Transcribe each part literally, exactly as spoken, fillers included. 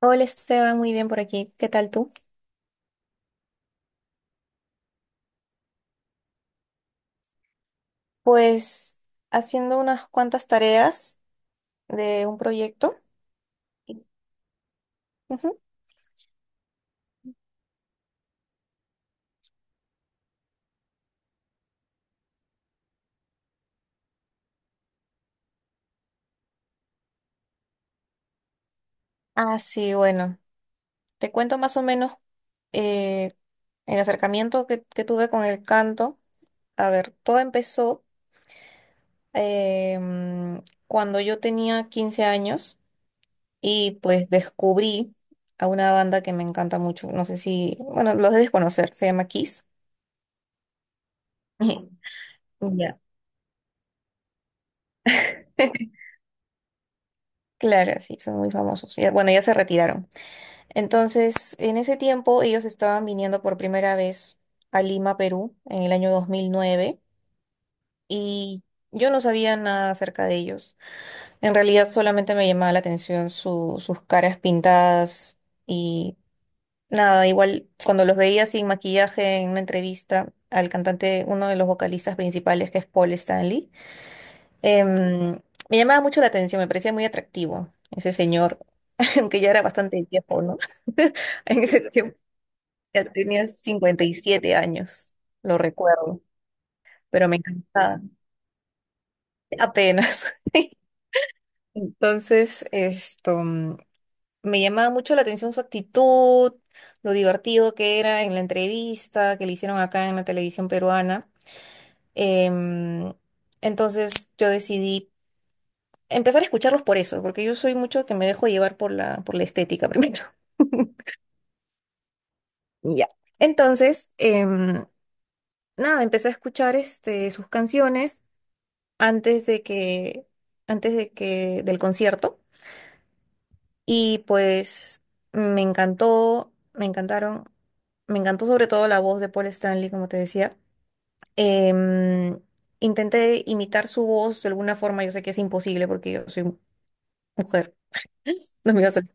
Hola Esteban, muy bien por aquí. ¿Qué tal tú? Pues haciendo unas cuantas tareas de un proyecto. Ujú. Ah, sí, bueno, te cuento más o menos eh, el acercamiento que, que tuve con el canto. A ver, todo empezó eh, mm, cuando yo tenía quince años y pues descubrí a una banda que me encanta mucho. No sé si, bueno, los debes conocer, se llama Kiss. Ya. Claro, sí, son muy famosos. Ya- bueno, ya se retiraron. Entonces, en ese tiempo ellos estaban viniendo por primera vez a Lima, Perú, en el año dos mil nueve, y yo no sabía nada acerca de ellos. En realidad solamente me llamaba la atención su- sus caras pintadas y nada, igual cuando los veía sin maquillaje en una entrevista al cantante, uno de los vocalistas principales, que es Paul Stanley. em, Me llamaba mucho la atención, me parecía muy atractivo ese señor. Aunque ya era bastante viejo, ¿no? En ese tiempo ya tenía cincuenta y siete años, lo recuerdo, pero me encantaba, apenas. Entonces, esto, mm, me llamaba mucho la atención su actitud, lo divertido que era en la entrevista que le hicieron acá en la televisión peruana. Em, entonces, yo decidí empezar a escucharlos por eso, porque yo soy mucho que me dejo llevar por la, por la estética primero. Ya. Entonces, em, nada, empecé a escuchar este, sus canciones antes de que, antes de que, del concierto. Y pues me encantó, me encantaron, me encantó sobre todo la voz de Paul Stanley, como te decía. Em, Intenté imitar su voz de alguna forma, yo sé que es imposible porque yo soy mujer, no me iba a salir.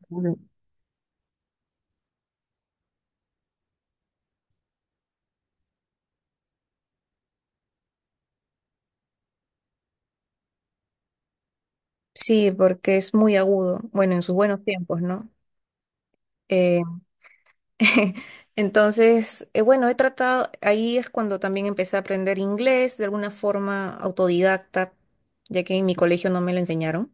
Sí, porque es muy agudo, bueno, en sus buenos tiempos, ¿no? Em, Entonces, eh, bueno, he tratado, ahí es cuando también empecé a aprender inglés de alguna forma autodidacta, ya que en mi colegio no me lo enseñaron.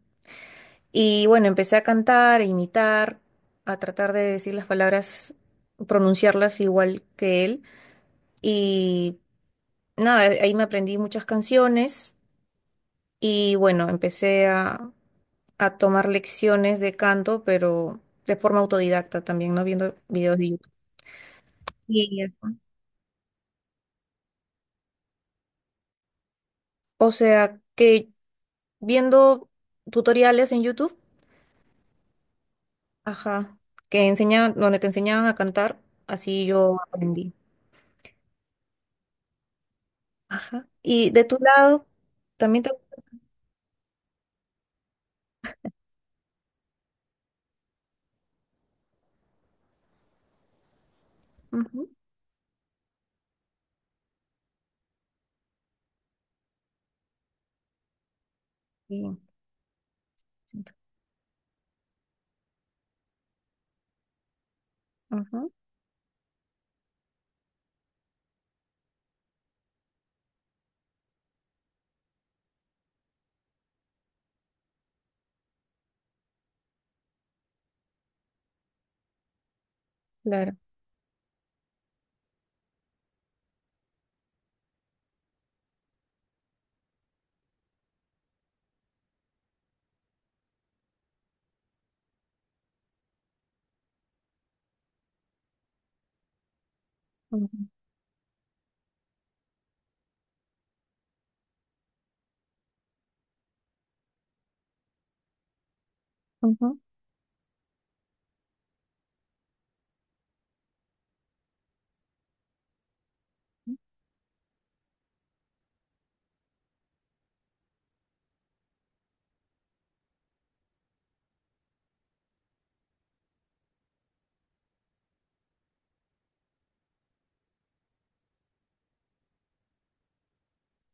Y bueno, empecé a cantar, a imitar, a tratar de decir las palabras, pronunciarlas igual que él. Y nada, eh, ahí me aprendí muchas canciones y bueno, empecé a, a tomar lecciones de canto, pero de forma autodidacta también, ¿no? Viendo videos de YouTube. Y eso. O sea, que viendo tutoriales en YouTube, ajá, que enseñaban, donde te enseñaban a cantar, así yo aprendí. Ajá. Y de tu lado, también te... Ujú, bien, siento. Ujú, claro. Ujú, ujú,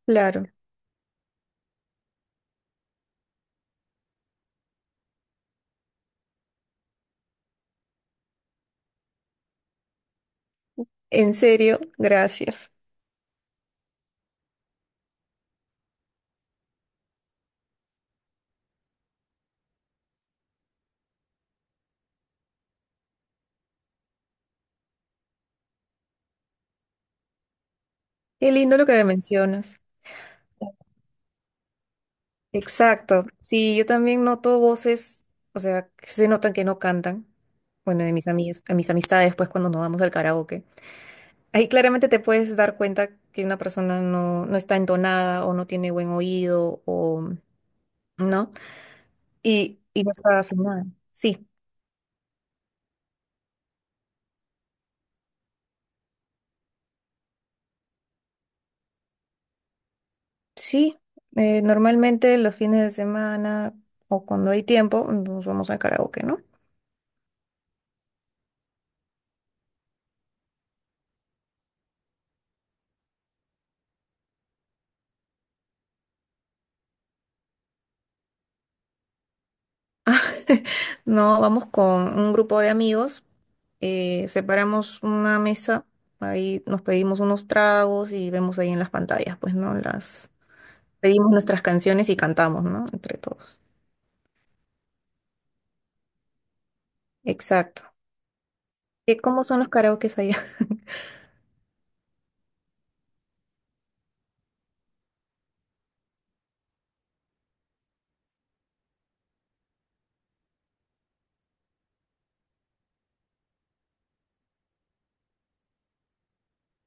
claro. En serio, gracias. Qué lindo lo que me mencionas. Exacto. Sí, yo también noto voces, o sea, que se notan que no cantan. Bueno, de mis amigas, a mis amistades, pues cuando nos vamos al karaoke. Ahí claramente te puedes dar cuenta que una persona no, no está entonada o no tiene buen oído o no, y, y no está afinada. Sí, sí. Eh, normalmente los fines de semana o cuando hay tiempo nos vamos al karaoke, ¿no? No, vamos con un grupo de amigos, eh, separamos una mesa, ahí nos pedimos unos tragos y vemos ahí en las pantallas, pues, ¿no? Las pedimos nuestras canciones y cantamos, ¿no? Entre todos. Exacto. ¿Qué, cómo son los karaokes allá?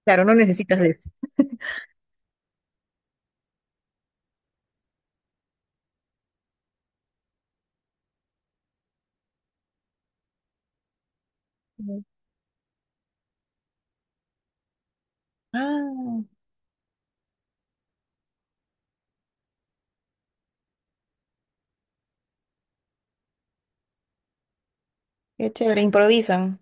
Claro, no necesitas de eso. Mm. Ah, qué chévere, improvisan.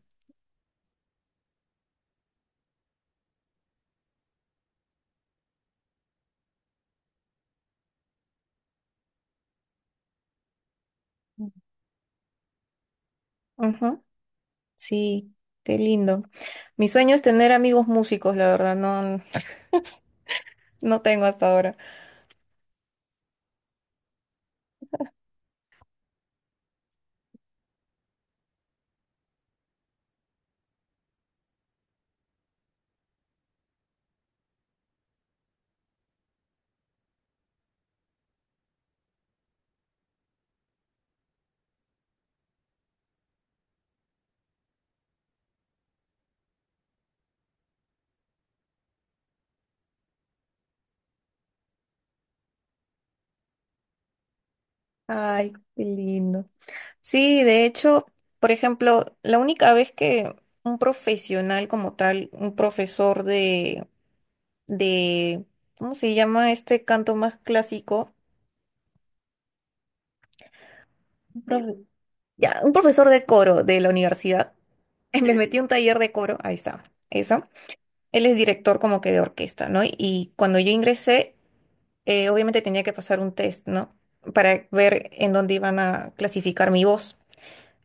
Ajá, sí, qué lindo. Mi sueño es tener amigos músicos, la verdad, no, no tengo hasta ahora. Ay, qué lindo. Sí, de hecho, por ejemplo, la única vez que un profesional como tal, un profesor de, de, ¿cómo se llama este canto más clásico? Un profe- Ya, un profesor de coro de la universidad. Me metí a un taller de coro, ahí está, eso. Él es director como que de orquesta, ¿no? Y cuando yo ingresé, eh, obviamente tenía que pasar un test, ¿no? Para ver en dónde iban a clasificar mi voz.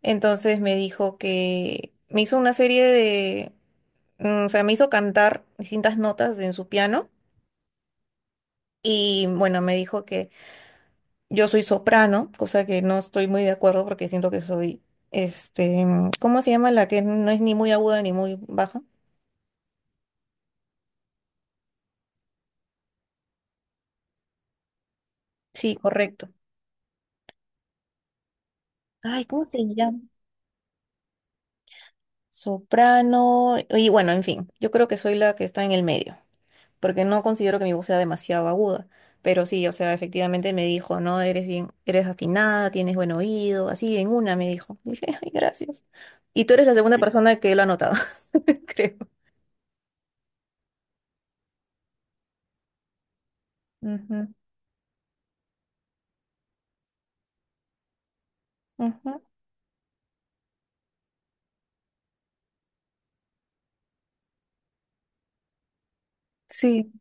Entonces me dijo que me hizo una serie de, mm, o sea, me hizo cantar distintas notas en su piano. Y bueno, me dijo que yo soy soprano, cosa que no estoy muy de acuerdo porque siento que soy, este, mm, ¿cómo se llama? La que no es ni muy aguda ni muy baja. Sí, correcto. Ay, ¿cómo se llama? Soprano. Y bueno, en fin, yo creo que soy la que está en el medio, porque no considero que mi voz sea demasiado aguda. Pero sí, o sea, efectivamente me dijo: no, eres bien, eres afinada, tienes buen oído, así en una me dijo. Dije, ay, gracias. Y tú eres la segunda sí, persona que lo ha notado, creo. Ujú, ujú. Sí,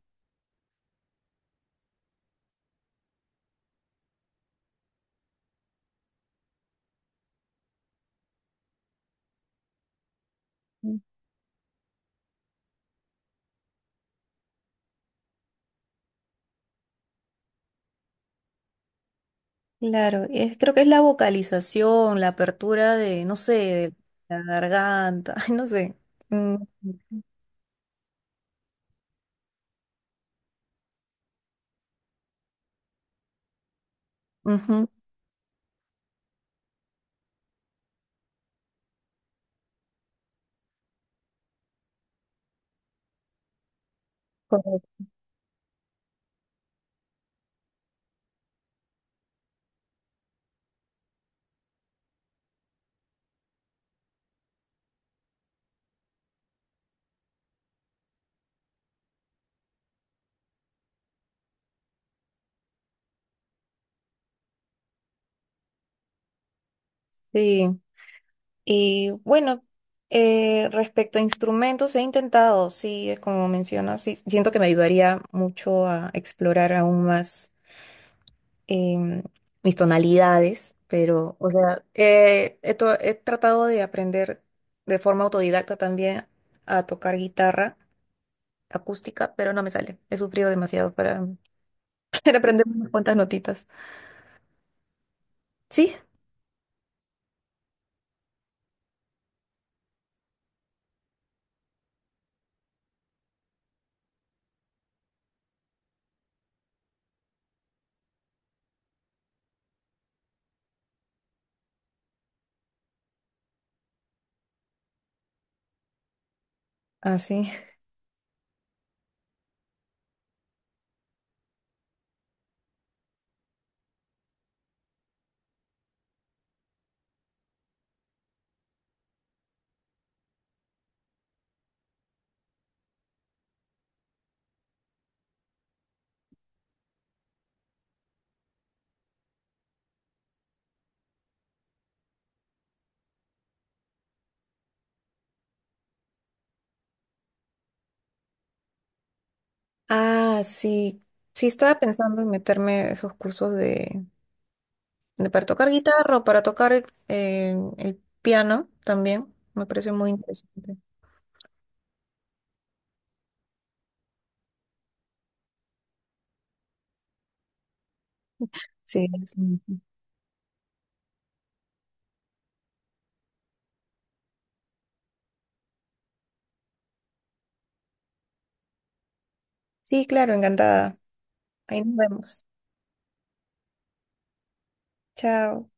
claro. Es- creo que es la vocalización, la apertura de, no sé, de la garganta, ay, no sé. Mm, ujú. Correcto. Sí. Y bueno, eh, respecto a instrumentos, he intentado, sí, es como mencionas, sí, siento que me ayudaría mucho a explorar aún más em, mis tonalidades, pero, o sea, eh, he, to- he tratado de aprender de forma autodidacta también a tocar guitarra acústica, pero no me sale. He sufrido demasiado para, para aprender unas cuantas notitas. Sí, así. Ah, sí. Sí, estaba pensando en meterme a esos cursos de- para tocar guitarra o para tocar el, eh, el piano también. Me parece muy interesante. Sí, eso. Sí, claro, encantada. Ahí nos vemos. Chao.